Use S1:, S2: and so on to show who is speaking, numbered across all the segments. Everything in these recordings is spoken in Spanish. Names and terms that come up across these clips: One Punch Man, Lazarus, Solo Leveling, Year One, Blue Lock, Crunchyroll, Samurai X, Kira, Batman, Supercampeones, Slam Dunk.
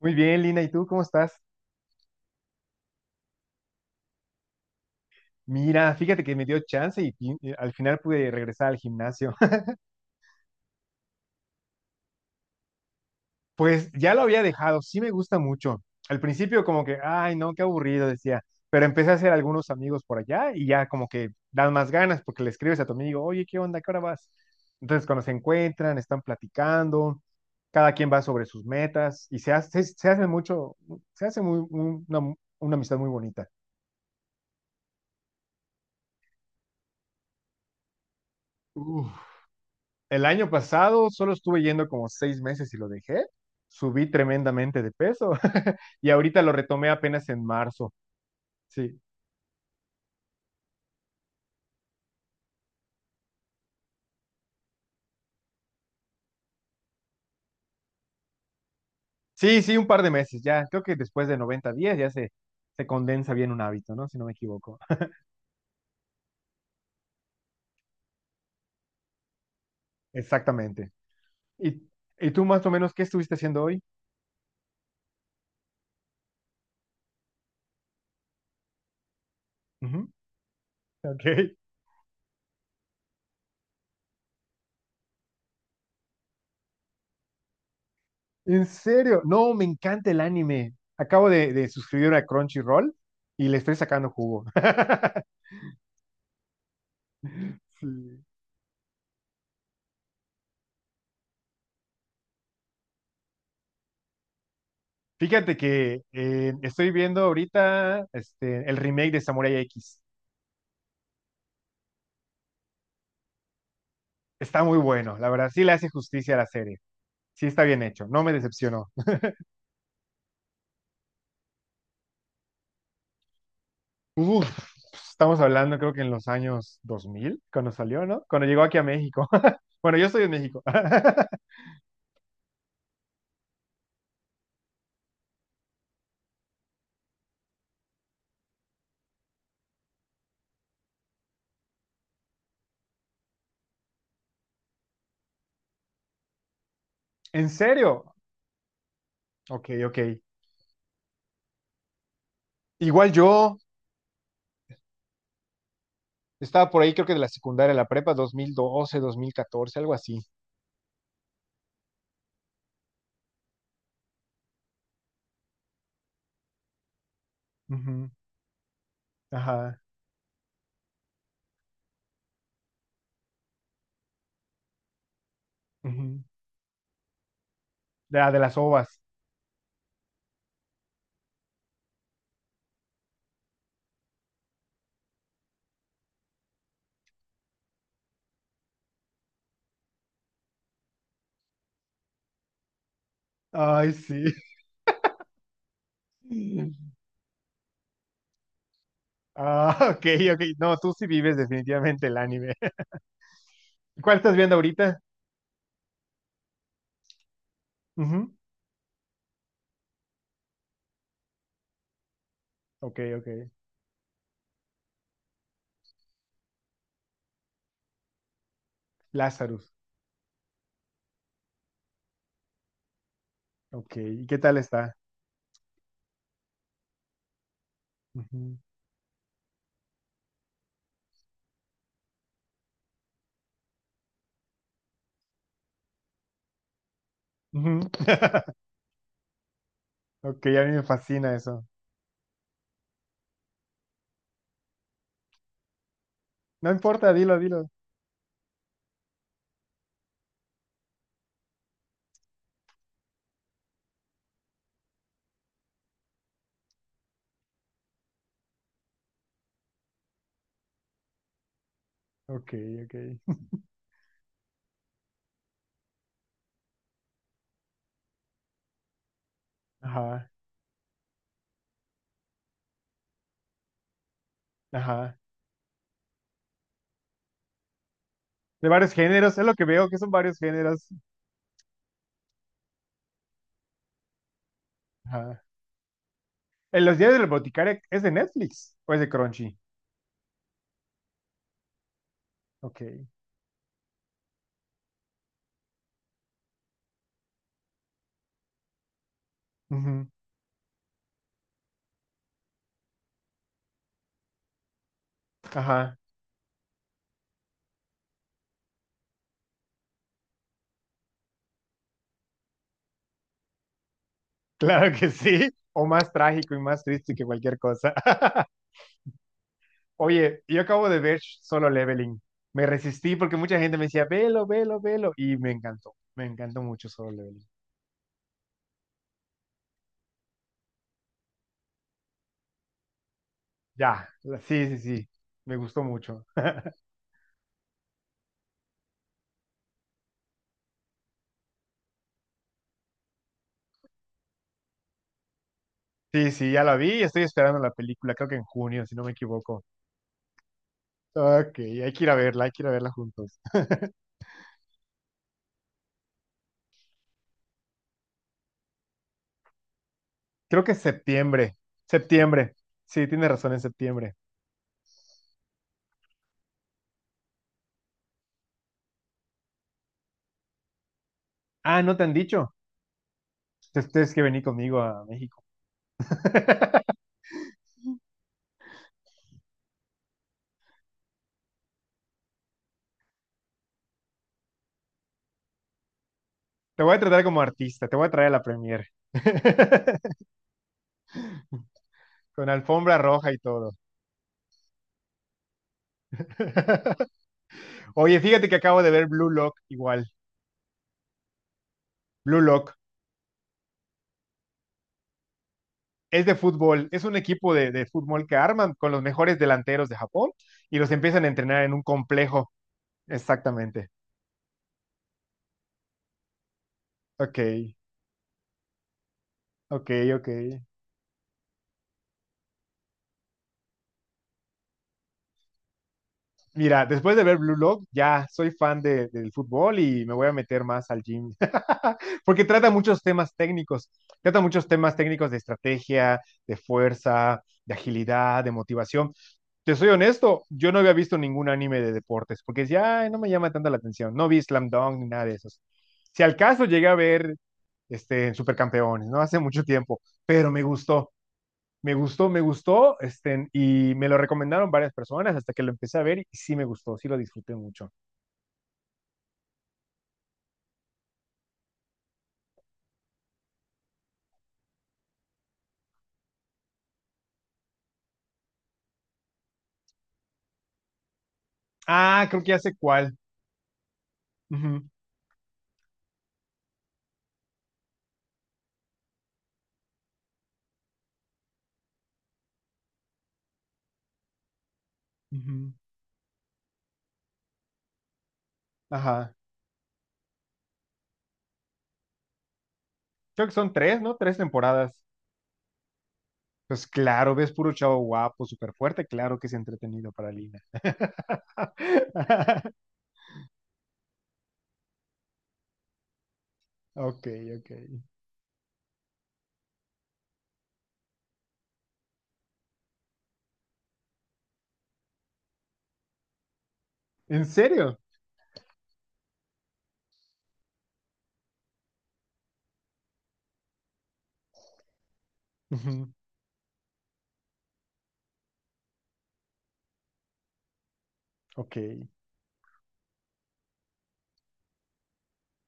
S1: Muy bien, Lina, ¿y tú cómo estás? Mira, fíjate que me dio chance y al final pude regresar al gimnasio. Pues ya lo había dejado, sí me gusta mucho. Al principio como que, ay, no, qué aburrido, decía, pero empecé a hacer algunos amigos por allá y ya como que dan más ganas porque le escribes a tu amigo, oye, ¿qué onda? ¿Qué hora vas? Entonces cuando se encuentran, están platicando, cada quien va sobre sus metas y se hace mucho, se hace muy, una amistad muy bonita. Uf. El año pasado solo estuve yendo como 6 meses y lo dejé. Subí tremendamente de peso y ahorita lo retomé apenas en marzo. Sí, sí, sí, un par de meses ya. Creo que después de 90 días ya se condensa bien un hábito, ¿no? Si no me equivoco. Exactamente. ¿Y, y tú más o menos qué estuviste haciendo hoy? Ujú, ok. ¿En serio? No, me encanta el anime. Acabo de suscribir a Crunchyroll y le estoy sacando jugo. Sí. Fíjate que estoy viendo ahorita este, el remake de Samurai X. Está muy bueno, la verdad, sí le hace justicia a la serie. Sí está bien hecho, no me decepcionó. Uf, estamos hablando creo que en los años 2000 cuando salió, ¿no? Cuando llegó aquí a México. Bueno, yo estoy en México. ¿En serio? Ok, ok. Igual yo estaba por ahí creo que de la secundaria, a la prepa, 2012, 2014, algo así. Ujú, ajá. Ujú. De, la- de las ovas. Ay, sí. Ah, ok, ok. No, tú sí vives definitivamente el anime. ¿Cuál estás viendo ahorita? Ujú. Ok, ok. Lazarus. Ok, ¿y qué tal está? Ujú. Ujú. Ok, a mí me fascina eso. No importa, dilo, dilo. Ok, ok. Ajá, ajá. De varios géneros, es lo que veo, que son varios géneros. Ajá. En los días del boticario, ¿es de Netflix o es de Crunchy? Ok. Ujú. Ajá. Claro que sí. O más trágico y más triste que cualquier cosa. Oye, yo acabo de ver Solo Leveling. Me resistí porque mucha gente me decía, velo, velo, velo. Y me encantó. Me encantó mucho Solo Leveling. Ya, sí, sí, sí. Me gustó mucho. Sí, sí, ya la vi y estoy esperando la película. Creo que en junio, si no me equivoco. Ok, hay que ir a verla, hay que ir a verla juntos. Creo que es septiembre. Septiembre. Sí, tienes razón, en septiembre. Ah, ¿no te han dicho? Entonces tienes que venir conmigo a México. Te voy a tratar como artista, te voy a traer a la premier. Con alfombra roja y todo. Oye, fíjate que acabo de ver Blue Lock igual. Blue Lock es de fútbol, es un equipo de fútbol que arman con los mejores delanteros de Japón y los empiezan a entrenar en un complejo. Exactamente. Ok, ok, ok. Mira, después de ver Blue Lock, ya soy fan del fútbol y me voy a meter más al gym, porque trata muchos temas técnicos, trata muchos temas técnicos de estrategia, de fuerza, de agilidad, de motivación. Te soy honesto, yo no había visto ningún anime de deportes, porque ya "Ay, no me llama tanto la atención, no vi Slam Dunk ni nada de esos. Si al caso llegué a ver este, Supercampeones, ¿no? Hace mucho tiempo, pero me gustó. Me gustó, me gustó, este, y me lo recomendaron varias personas hasta que lo empecé a ver y sí me gustó, sí lo disfruté mucho. Ah, creo que ya sé cuál. Ujú, ujú. Ajá. Creo que son 3, ¿no? 3 temporadas. Pues claro, ves puro chavo guapo, súper fuerte, claro que es entretenido para Lina. Ok, ok. ¿En serio? Ujú, ok.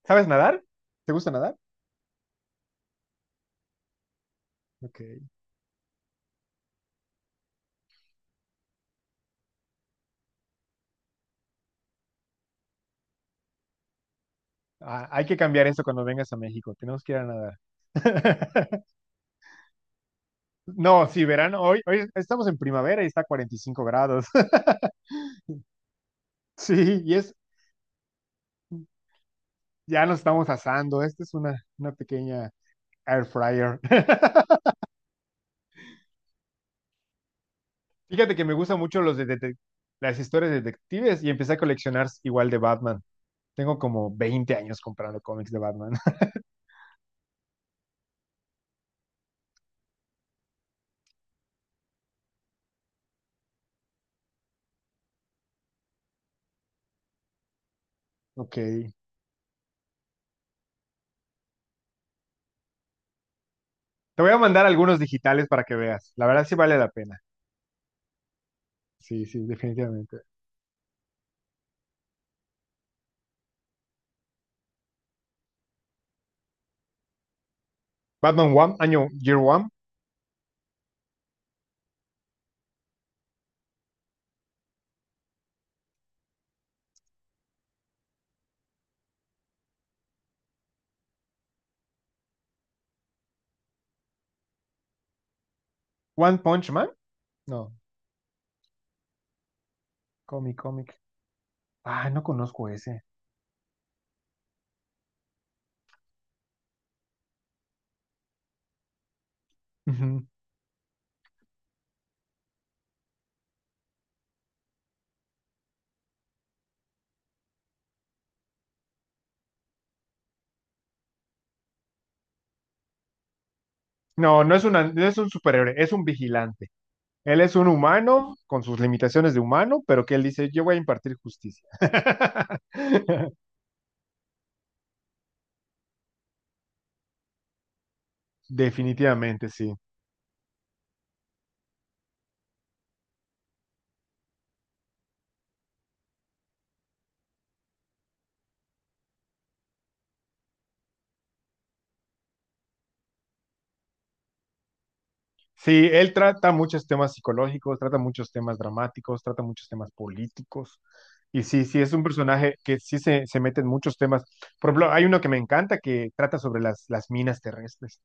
S1: ¿Sabes nadar? ¿Te gusta nadar? Ok. Ah, hay que cambiar eso cuando vengas a México. Tenemos que ir a nadar. No, sí, verano. Hoy estamos en primavera y está a 45 grados. Sí, y es, ya nos estamos asando. Esta es una pequeña air fryer. Fíjate que me gustan mucho las historias de detectives y empecé a coleccionar igual de Batman. Tengo como 20 años comprando cómics de Batman. Ok. Te voy a mandar algunos digitales para que veas. La verdad sí vale la pena. Sí, sí, definitivamente. Batman One, año Year One. One Punch Man. No, cómic, cómic. Ah, no conozco ese. Ujú. No, no es una, no es un superhéroe, es un vigilante. Él es un humano con sus limitaciones de humano, pero que él dice, yo voy a impartir justicia. Definitivamente, sí. Sí, él trata muchos temas psicológicos, trata muchos temas dramáticos, trata muchos temas políticos. Y sí, sí, es un personaje que sí se mete en muchos temas. Por ejemplo, hay uno que me encanta que trata sobre las, minas terrestres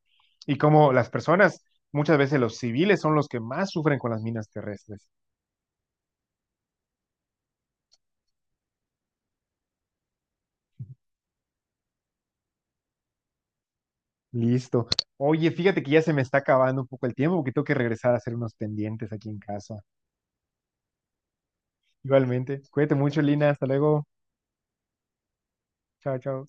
S1: y cómo las personas, muchas veces los civiles, son los que más sufren con las minas terrestres. Listo. Oye, fíjate que ya se me está acabando un poco el tiempo porque tengo que regresar a hacer unos pendientes aquí en casa. Igualmente, cuídate mucho, Lina. Hasta luego. Chao, chao.